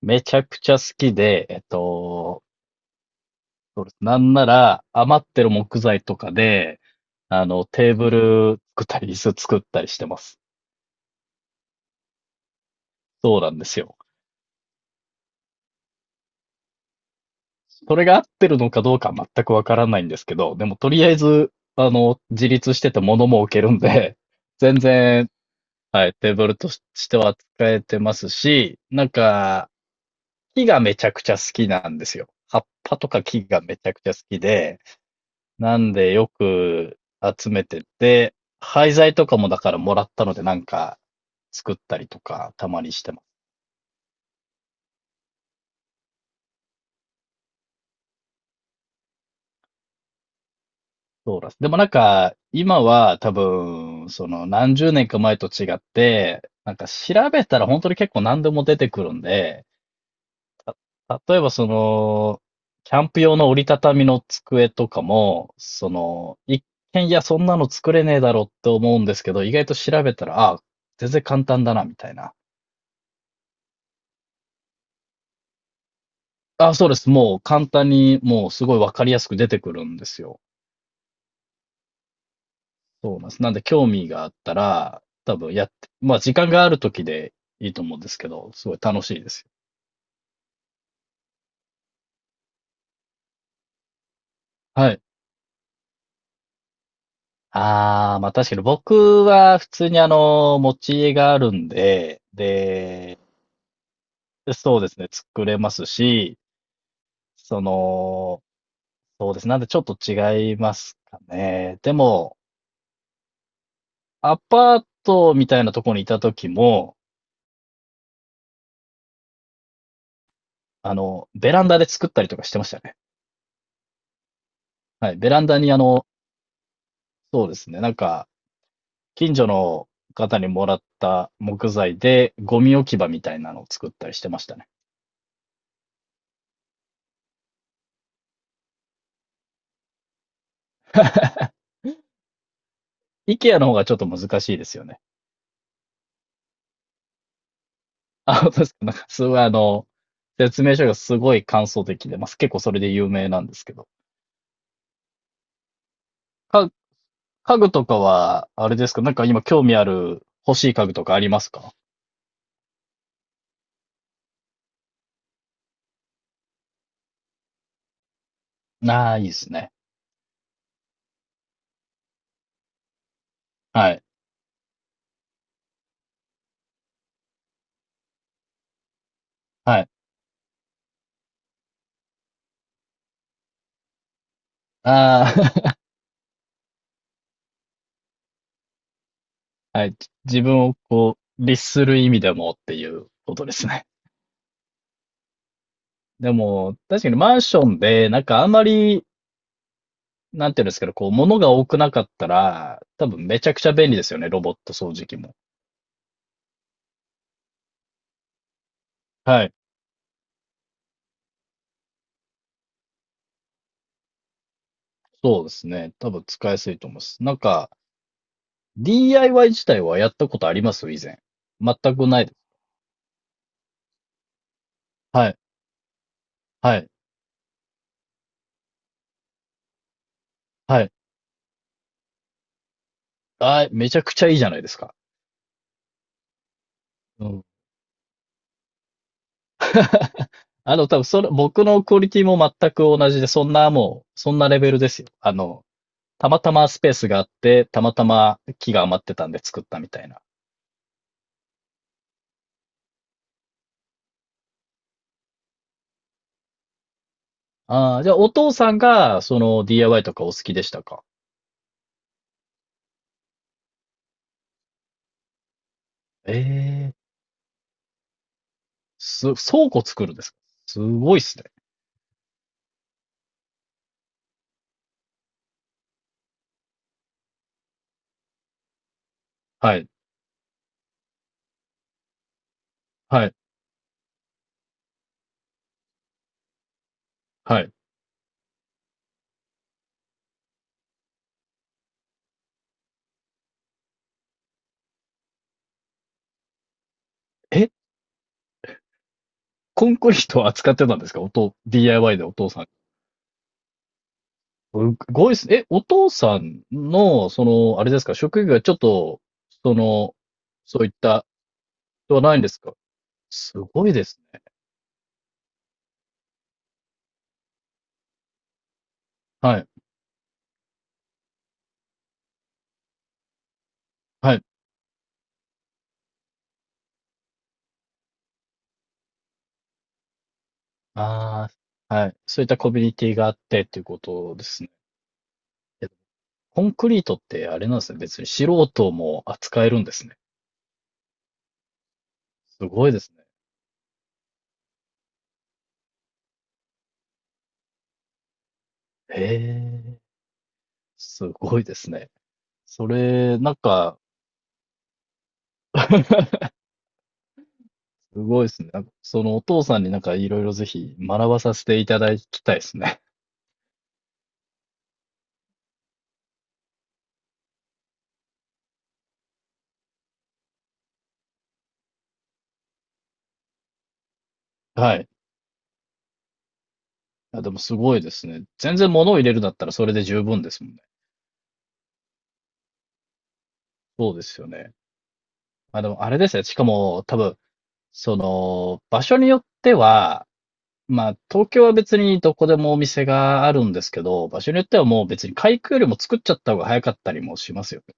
めちゃくちゃ好きで、そうです。なんなら余ってる木材とかで、テーブル作ったり、椅子作ったりしてます。そうなんですよ。それが合ってるのかどうかは全くわからないんですけど、でもとりあえず、自立してて物も置けるんで、全然、はい、テーブルとしては使えてますし、なんか、木がめちゃくちゃ好きなんですよ。葉っぱとか木がめちゃくちゃ好きで、なんでよく集めてて、廃材とかもだからもらったのでなんか作ったりとかたまにしてます。そうです。でもなんか今は多分その何十年か前と違って、なんか調べたら本当に結構何でも出てくるんで、例えばそのキャンプ用の折りたたみの机とかも、その一見いやそんなの作れねえだろって思うんですけど、意外と調べたら、ああ、全然簡単だなみたいな。あ、そうです。もう簡単に、もうすごいわかりやすく出てくるんですよ。そうなんです。なんで興味があったら、多分やって、まあ時間がある時でいいと思うんですけど、すごい楽しいですよ。はい。ああ、まあ確かに僕は普通に持ち家があるんで、で、そうですね、作れますし、その、そうです。なんでちょっと違いますかね。でも、アパートみたいなところにいた時も、ベランダで作ったりとかしてましたね。はい、ベランダにそうですね、なんか、近所の方にもらった木材で、ゴミ置き場みたいなのを作ったりしてましたね。IKEA の方がちょっと難しいですよね。あ、本当ですか。なんか、すごい説明書がすごい簡素的で、まあ、結構それで有名なんですけど。か、家具とかは、あれですか、なんか今興味ある欲しい家具とかありますか？ああー、いいですね。はい。はい。ああ、はい。自分をこう、律する意味でもっていうことですね。でも、確かにマンションで、なんかあんまり、なんていうんですけど、こう、物が多くなかったら、多分めちゃくちゃ便利ですよね、ロボット掃除機も。はい。そうですね。多分使いやすいと思います。なんか、DIY 自体はやったことあります、以前。全くないです。はい。はい。はい。あー、めちゃくちゃいいじゃないですか。うん。多分それ、僕のクオリティも全く同じで、そんなもう、そんなレベルですよ。たまたまスペースがあって、たまたま木が余ってたんで作ったみたいな。ああ、じゃあお父さんが、その DIY とかお好きでしたか？ええ、倉庫作るんですか？すごいっすね。はい、はい、はい。え、コンクリートを扱ってたんですか、DIY でお父さん。すごいっすね。え、お父さんの、その、あれですか、職業がちょっと、その、そういった、ではないんですか？すごいですね。はい、はい。ああ、はい。そういったコミュニティがあってっていうことですね。コンクリートってあれなんですね。別に素人も扱えるんですね。すごいですね。へえ、すごいですね。それ、なんか、すごいですね。なんかそのお父さんになんかいろいろぜひ学ばさせていただきたいですね。はい。あ、でもすごいですね。全然物を入れるんだったらそれで十分ですもんね。そうですよね。あ、でもあれですね。しかも多分、その、場所によっては、まあ、東京は別にどこでもお店があるんですけど、場所によってはもう別に開くよりも作っちゃった方が早かったりもしますよね。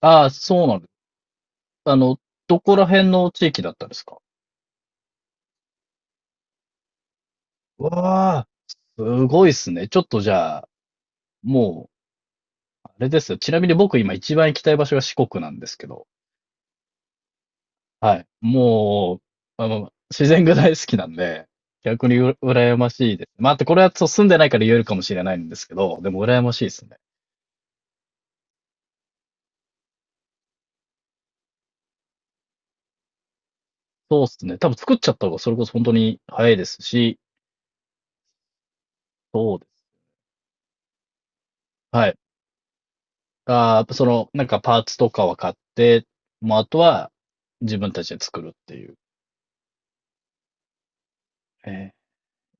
ああ、そうなんです。あの、どこら辺の地域だったんですか？わあ、すごいっすね。ちょっとじゃあ、もう、あれですよ。ちなみに僕今一番行きたい場所が四国なんですけど、はい。もう、自然が大好きなんで、逆に羨ましいです。まあ、あとこれはそう住んでないから言えるかもしれないんですけど、でも羨ましいですね。そうっすね。多分作っちゃった方がそれこそ本当に早いですし、そうです。はい。あー、やっぱその、なんかパーツとかは買って、もうあとは自分たちで作るっていう。え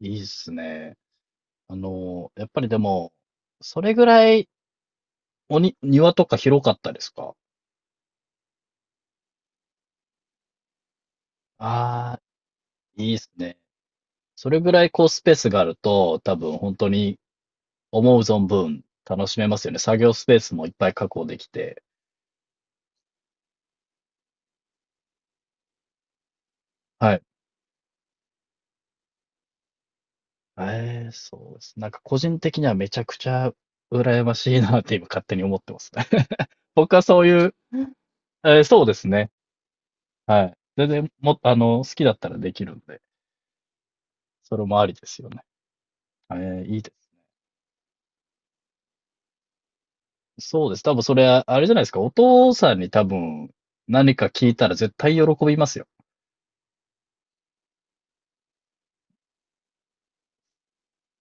いいっすね。やっぱりでも、それぐらい庭とか広かったですか？ああー、いいっすね。それぐらいこうスペースがあると、多分本当に思う存分楽しめますよね。作業スペースもいっぱい確保できて。はい。ええ、そうです。なんか個人的にはめちゃくちゃ羨ましいなって今勝手に思ってますね。僕はそういう、そうですね。はい。全然好きだったらできるんで、それもありですよね。いいです。そうです。多分それは、あれじゃないですか。お父さんに多分何か聞いたら絶対喜びますよ。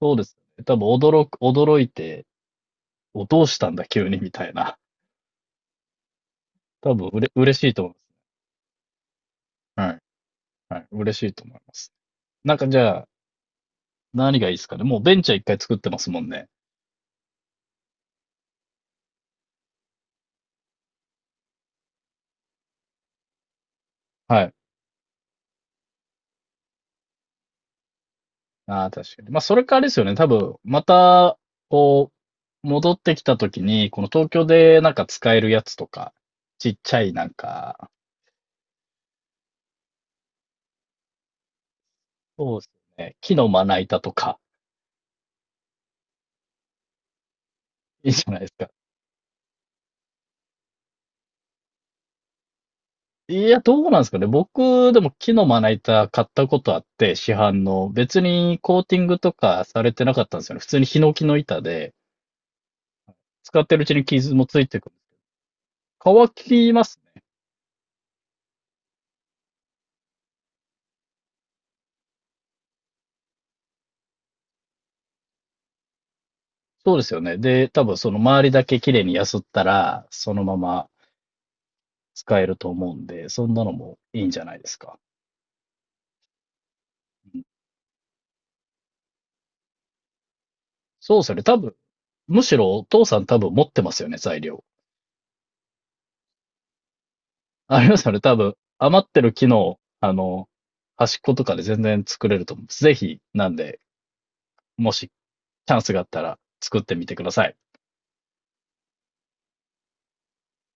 そうです。多分驚いて、お、どうしたんだ急にみたいな。多分嬉しいと思います。はい。はい。嬉しいと思います。なんかじゃあ、何がいいですかね。もうベンチャー一回作ってますもんね。はい。ああ、確かに。まあ、それからあれですよね。多分、また、こう、戻ってきた時に、この東京でなんか使えるやつとか、ちっちゃいなんか、そうですね。木のまな板とか、いいじゃないですか。いや、どうなんですかね。僕、でも木のまな板買ったことあって、市販の。別にコーティングとかされてなかったんですよね。普通にヒノキの板で、使ってるうちに傷もついてくる。乾きます。そうですよね。で、多分その周りだけ綺麗にやすったら、そのまま使えると思うんで、そんなのもいいんじゃないですか。うん、そうですよね。多分、むしろお父さん多分持ってますよね、材料。ありますよね。多分、余ってる木の、端っことかで全然作れると思う。ぜひ、なんで、もしチャンスがあったら作ってみてください。